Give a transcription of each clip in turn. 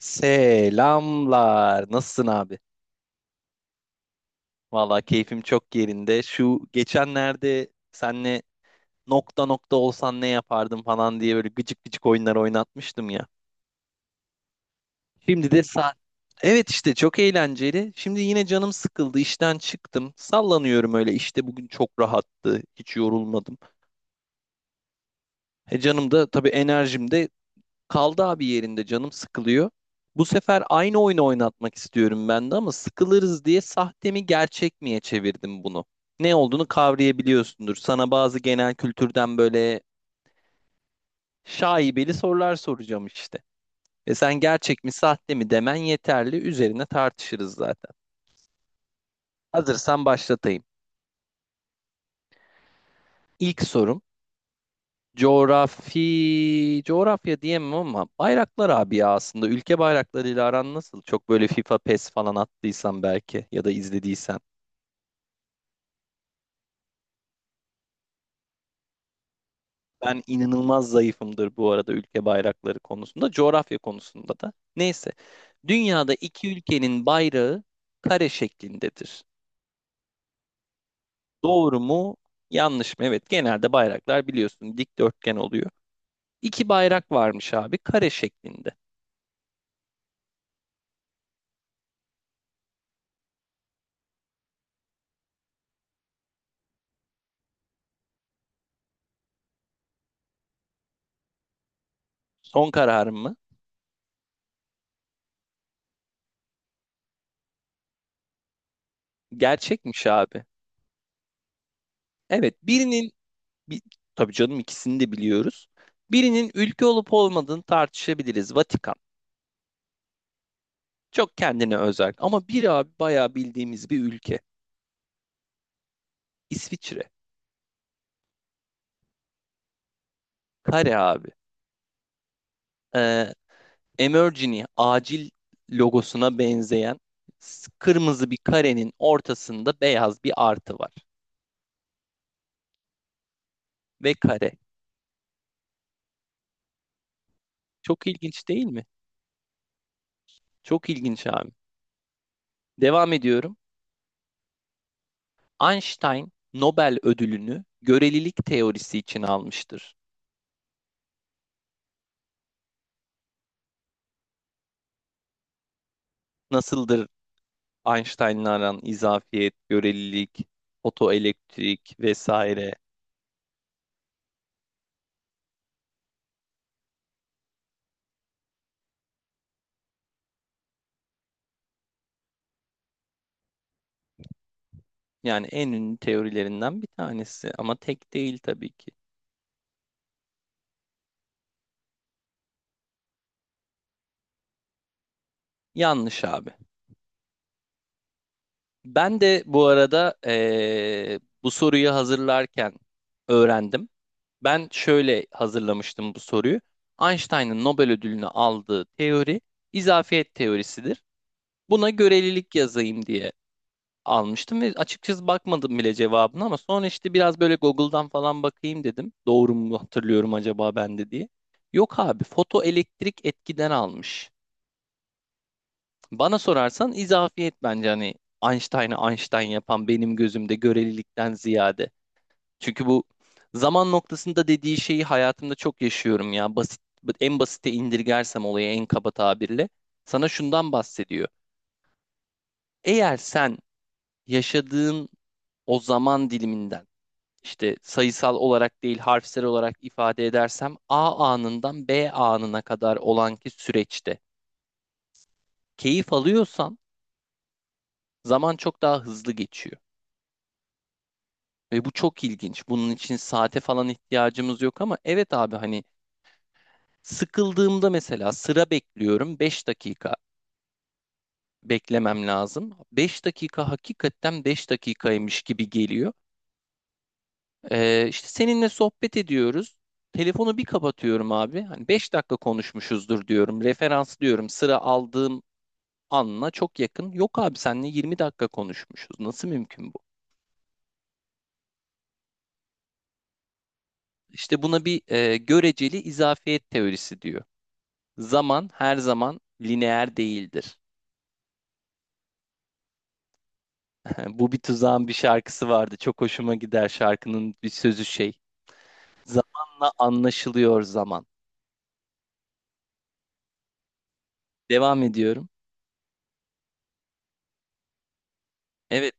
Selamlar. Nasılsın abi? Valla keyfim çok yerinde. Şu geçenlerde senle nokta nokta olsan ne yapardım falan diye böyle gıcık gıcık oyunlar oynatmıştım ya. Şimdi de saat. Evet, işte çok eğlenceli. Şimdi yine canım sıkıldı. İşten çıktım. Sallanıyorum öyle. İşte bugün çok rahattı. Hiç yorulmadım. E canım da tabii, enerjim de kaldı abi yerinde, canım sıkılıyor. Bu sefer aynı oyunu oynatmak istiyorum ben de ama sıkılırız diye sahte mi gerçek miye çevirdim bunu. Ne olduğunu kavrayabiliyorsundur. Sana bazı genel kültürden böyle şaibeli sorular soracağım işte. Ve sen gerçek mi sahte mi demen yeterli. Üzerine tartışırız zaten. Hazırsan başlatayım. İlk sorum. Coğrafya diyemem ama bayraklar abi ya aslında. Ülke bayraklarıyla aran nasıl? Çok böyle FIFA, PES falan attıysan belki ya da izlediysen. Ben inanılmaz zayıfımdır bu arada ülke bayrakları konusunda, coğrafya konusunda da. Neyse. Dünyada iki ülkenin bayrağı kare şeklindedir. Doğru mu? Yanlış mı? Evet, genelde bayraklar biliyorsun dikdörtgen oluyor. İki bayrak varmış abi kare şeklinde. Son kararım mı? Gerçekmiş abi. Evet, bir, tabii canım ikisini de biliyoruz. Birinin ülke olup olmadığını tartışabiliriz. Vatikan. Çok kendine özel ama bir abi bayağı bildiğimiz bir ülke. İsviçre. Kare abi. Ee, Emergency acil logosuna benzeyen kırmızı bir karenin ortasında beyaz bir artı var. Ve kare. Çok ilginç değil mi? Çok ilginç abi. Devam ediyorum. Einstein Nobel ödülünü görelilik teorisi için almıştır. Nasıldır Einstein'la aran izafiyet, görelilik, fotoelektrik vesaire? Yani en ünlü teorilerinden bir tanesi ama tek değil tabii ki. Yanlış abi. Ben de bu arada bu soruyu hazırlarken öğrendim. Ben şöyle hazırlamıştım bu soruyu. Einstein'ın Nobel ödülünü aldığı teori izafiyet teorisidir. Buna görelilik yazayım diye almıştım ve açıkçası bakmadım bile cevabına ama sonra işte biraz böyle Google'dan falan bakayım dedim. Doğru mu hatırlıyorum acaba ben de diye. Yok abi, fotoelektrik etkiden almış. Bana sorarsan izafiyet bence hani Einstein'ı Einstein yapan benim gözümde görelilikten ziyade. Çünkü bu zaman noktasında dediği şeyi hayatımda çok yaşıyorum ya. Basit, en basite indirgersem olayı en kaba tabirle. Sana şundan bahsediyor. Eğer sen yaşadığın o zaman diliminden, işte sayısal olarak değil harfsel olarak ifade edersem, A anından B anına kadar olan ki süreçte keyif alıyorsan zaman çok daha hızlı geçiyor. Ve bu çok ilginç. Bunun için saate falan ihtiyacımız yok ama evet abi, hani sıkıldığımda mesela sıra bekliyorum, 5 dakika beklemem lazım. 5 dakika hakikaten 5 dakikaymış gibi geliyor. İşte seninle sohbet ediyoruz. Telefonu bir kapatıyorum abi. Hani 5 dakika konuşmuşuzdur diyorum. Referans diyorum. Sıra aldığım anla çok yakın. Yok abi, seninle yirmi dakika konuşmuşuz. Nasıl mümkün bu? İşte buna bir göreceli izafiyet teorisi diyor. Zaman her zaman lineer değildir. Bu bir Tuzağın bir şarkısı vardı. Çok hoşuma gider şarkının bir sözü şey. Zamanla anlaşılıyor zaman. Devam ediyorum. Evet,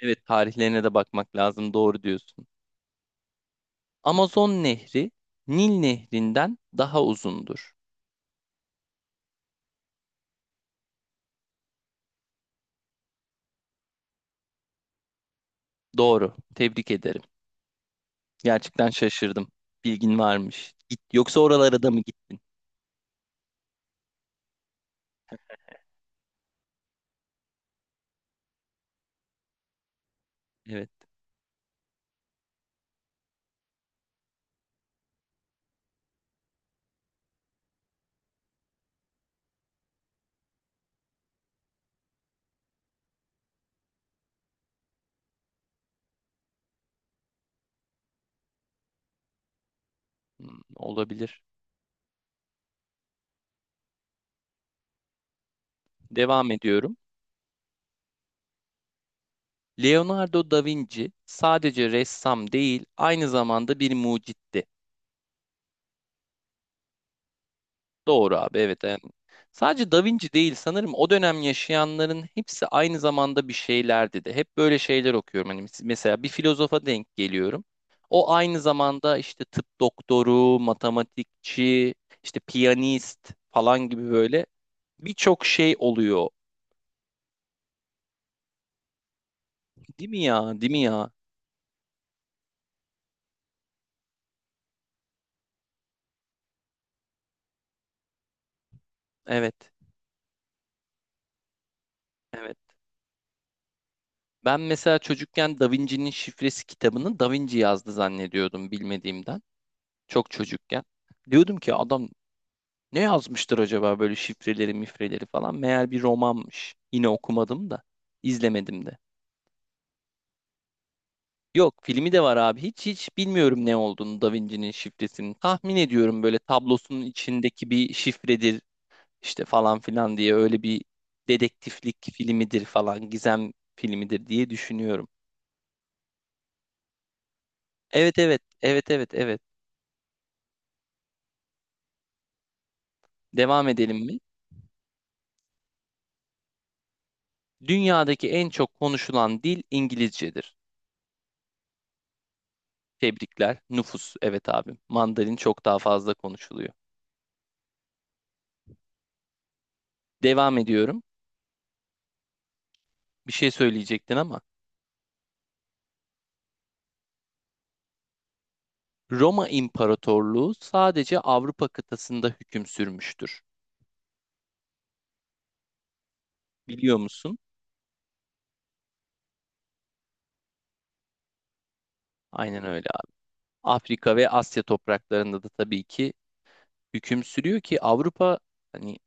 evet, tarihlerine de bakmak lazım. Doğru diyorsun. Amazon Nehri Nil Nehri'nden daha uzundur. Doğru. Tebrik ederim. Gerçekten şaşırdım. Bilgin varmış. Git. Yoksa oralara da mı gittin? Evet. Hmm, olabilir. Devam ediyorum. Leonardo da Vinci sadece ressam değil, aynı zamanda bir mucitti. Doğru abi, evet. Yani sadece da Vinci değil, sanırım o dönem yaşayanların hepsi aynı zamanda bir şeylerdi de. Hep böyle şeyler okuyorum. Hani mesela bir filozofa denk geliyorum. O aynı zamanda işte tıp doktoru, matematikçi, işte piyanist falan gibi böyle birçok şey oluyor. Değil mi ya? Değil mi ya? Evet. Evet. Ben mesela çocukken Da Vinci'nin Şifresi kitabını Da Vinci yazdı zannediyordum bilmediğimden. Çok çocukken. Diyordum ki adam ne yazmıştır acaba böyle şifreleri mifreleri falan. Meğer bir romanmış. Yine okumadım da izlemedim de. Yok, filmi de var abi. Hiç bilmiyorum ne olduğunu Da Vinci'nin Şifresi'nin. Tahmin ediyorum böyle tablosunun içindeki bir şifredir işte falan filan diye, öyle bir dedektiflik filmidir falan, gizem filmidir diye düşünüyorum. Evet, evet, evet, evet, evet. Devam edelim mi? Dünyadaki en çok konuşulan dil İngilizcedir. Tebrikler. Nüfus. Evet abim. Mandarin çok daha fazla konuşuluyor. Devam ediyorum. Bir şey söyleyecektin ama. Roma İmparatorluğu sadece Avrupa kıtasında hüküm sürmüştür. Biliyor musun? Aynen öyle, abi. Afrika ve Asya topraklarında da tabii ki hüküm sürüyor ki Avrupa hani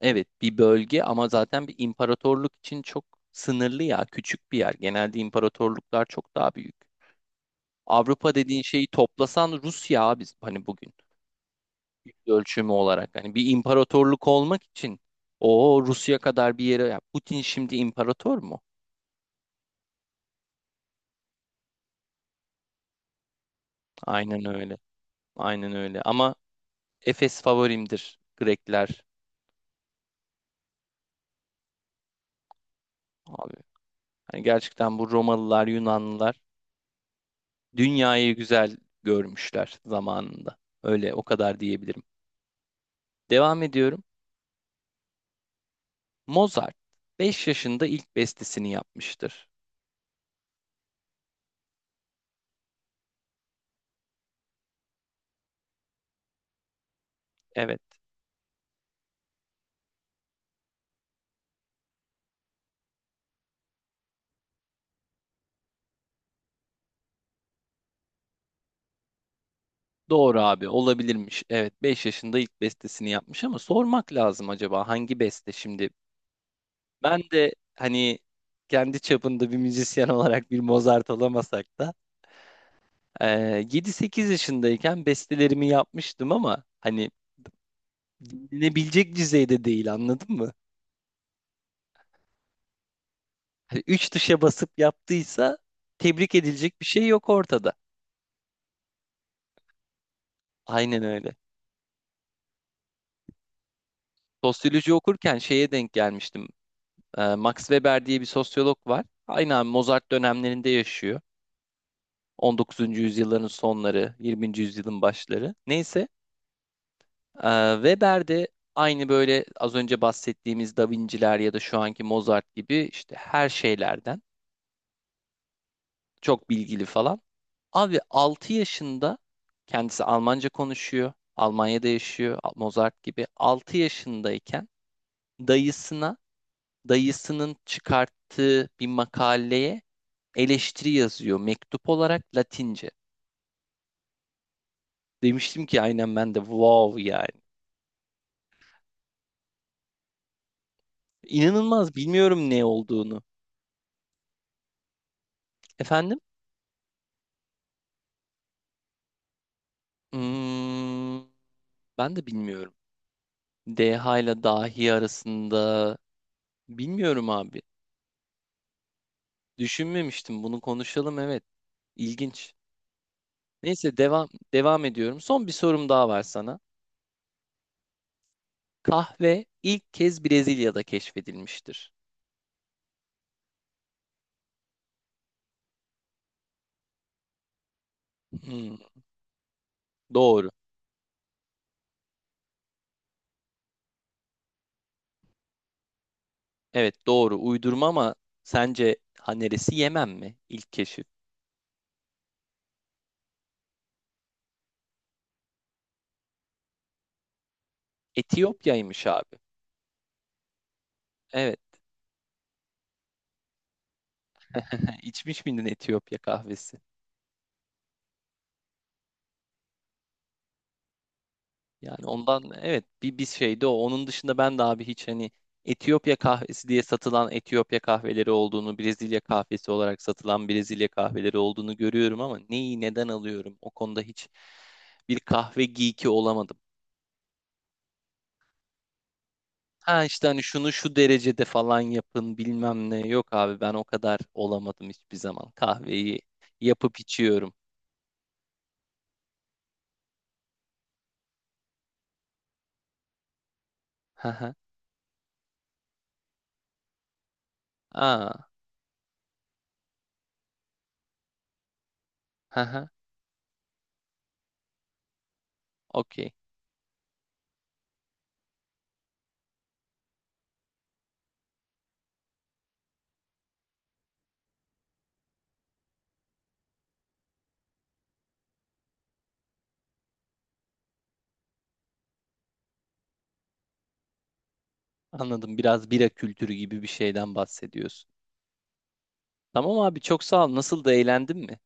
evet bir bölge ama zaten bir imparatorluk için çok sınırlı ya, küçük bir yer. Genelde imparatorluklar çok daha büyük. Avrupa dediğin şeyi toplasan Rusya abi, hani bugün yüz ölçümü olarak hani bir imparatorluk olmak için o Rusya kadar bir yere, ya Putin şimdi imparator mu? Aynen öyle. Aynen öyle. Ama Efes favorimdir, Grekler abi. Hani gerçekten bu Romalılar, Yunanlılar dünyayı güzel görmüşler zamanında. Öyle, o kadar diyebilirim. Devam ediyorum. Mozart 5 yaşında ilk bestesini yapmıştır. Evet. Doğru abi, olabilirmiş. Evet, 5 yaşında ilk bestesini yapmış ama sormak lazım acaba hangi beste şimdi? Ben de hani kendi çapında bir müzisyen olarak bir Mozart olamasak da eee 7-8 yaşındayken bestelerimi yapmıştım ama hani dinlenebilecek düzeyde değil, anladın mı? Hani 3 tuşa basıp yaptıysa tebrik edilecek bir şey yok ortada. Aynen öyle. Sosyoloji okurken şeye denk gelmiştim. Max Weber diye bir sosyolog var. Aynen Mozart dönemlerinde yaşıyor. 19. yüzyılların sonları, 20. yüzyılın başları. Neyse. Weber de aynı böyle az önce bahsettiğimiz Da Vinci'ler ya da şu anki Mozart gibi işte her şeylerden çok bilgili falan. Abi 6 yaşında kendisi Almanca konuşuyor. Almanya'da yaşıyor Mozart gibi. 6 yaşındayken dayısına, dayısının çıkarttığı bir makaleye eleştiri yazıyor mektup olarak Latince. Demiştim ki aynen ben de wow yani. İnanılmaz, bilmiyorum ne olduğunu. Efendim? Hmm, ben de bilmiyorum. DH ile dahi arasında bilmiyorum abi. Düşünmemiştim. Bunu konuşalım, evet. İlginç. Neyse, devam ediyorum. Son bir sorum daha var sana. Kahve ilk kez Brezilya'da keşfedilmiştir. Hmm, doğru. Evet, doğru. Uydurma ama sence ha, neresi, Yemen mi? İlk keşif. Etiyopya'ymış abi. Evet. İçmiş miydin Etiyopya kahvesi? Yani ondan evet, bir şeydi o. Onun dışında ben de abi hiç hani Etiyopya kahvesi diye satılan Etiyopya kahveleri olduğunu, Brezilya kahvesi olarak satılan Brezilya kahveleri olduğunu görüyorum ama neyi neden alıyorum? O konuda hiç bir kahve geeki olamadım. Ha, işte hani şunu şu derecede falan yapın bilmem ne. Yok abi, ben o kadar olamadım hiçbir zaman. Kahveyi yapıp içiyorum. Ha ha. Aa. Ha ha. Okey. Anladım. Biraz bira kültürü gibi bir şeyden bahsediyorsun. Tamam abi, çok sağ ol. Nasıl, da eğlendin mi?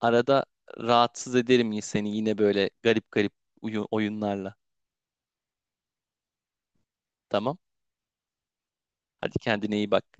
Arada rahatsız ederim seni yine böyle garip garip oyunlarla. Tamam. Hadi kendine iyi bak.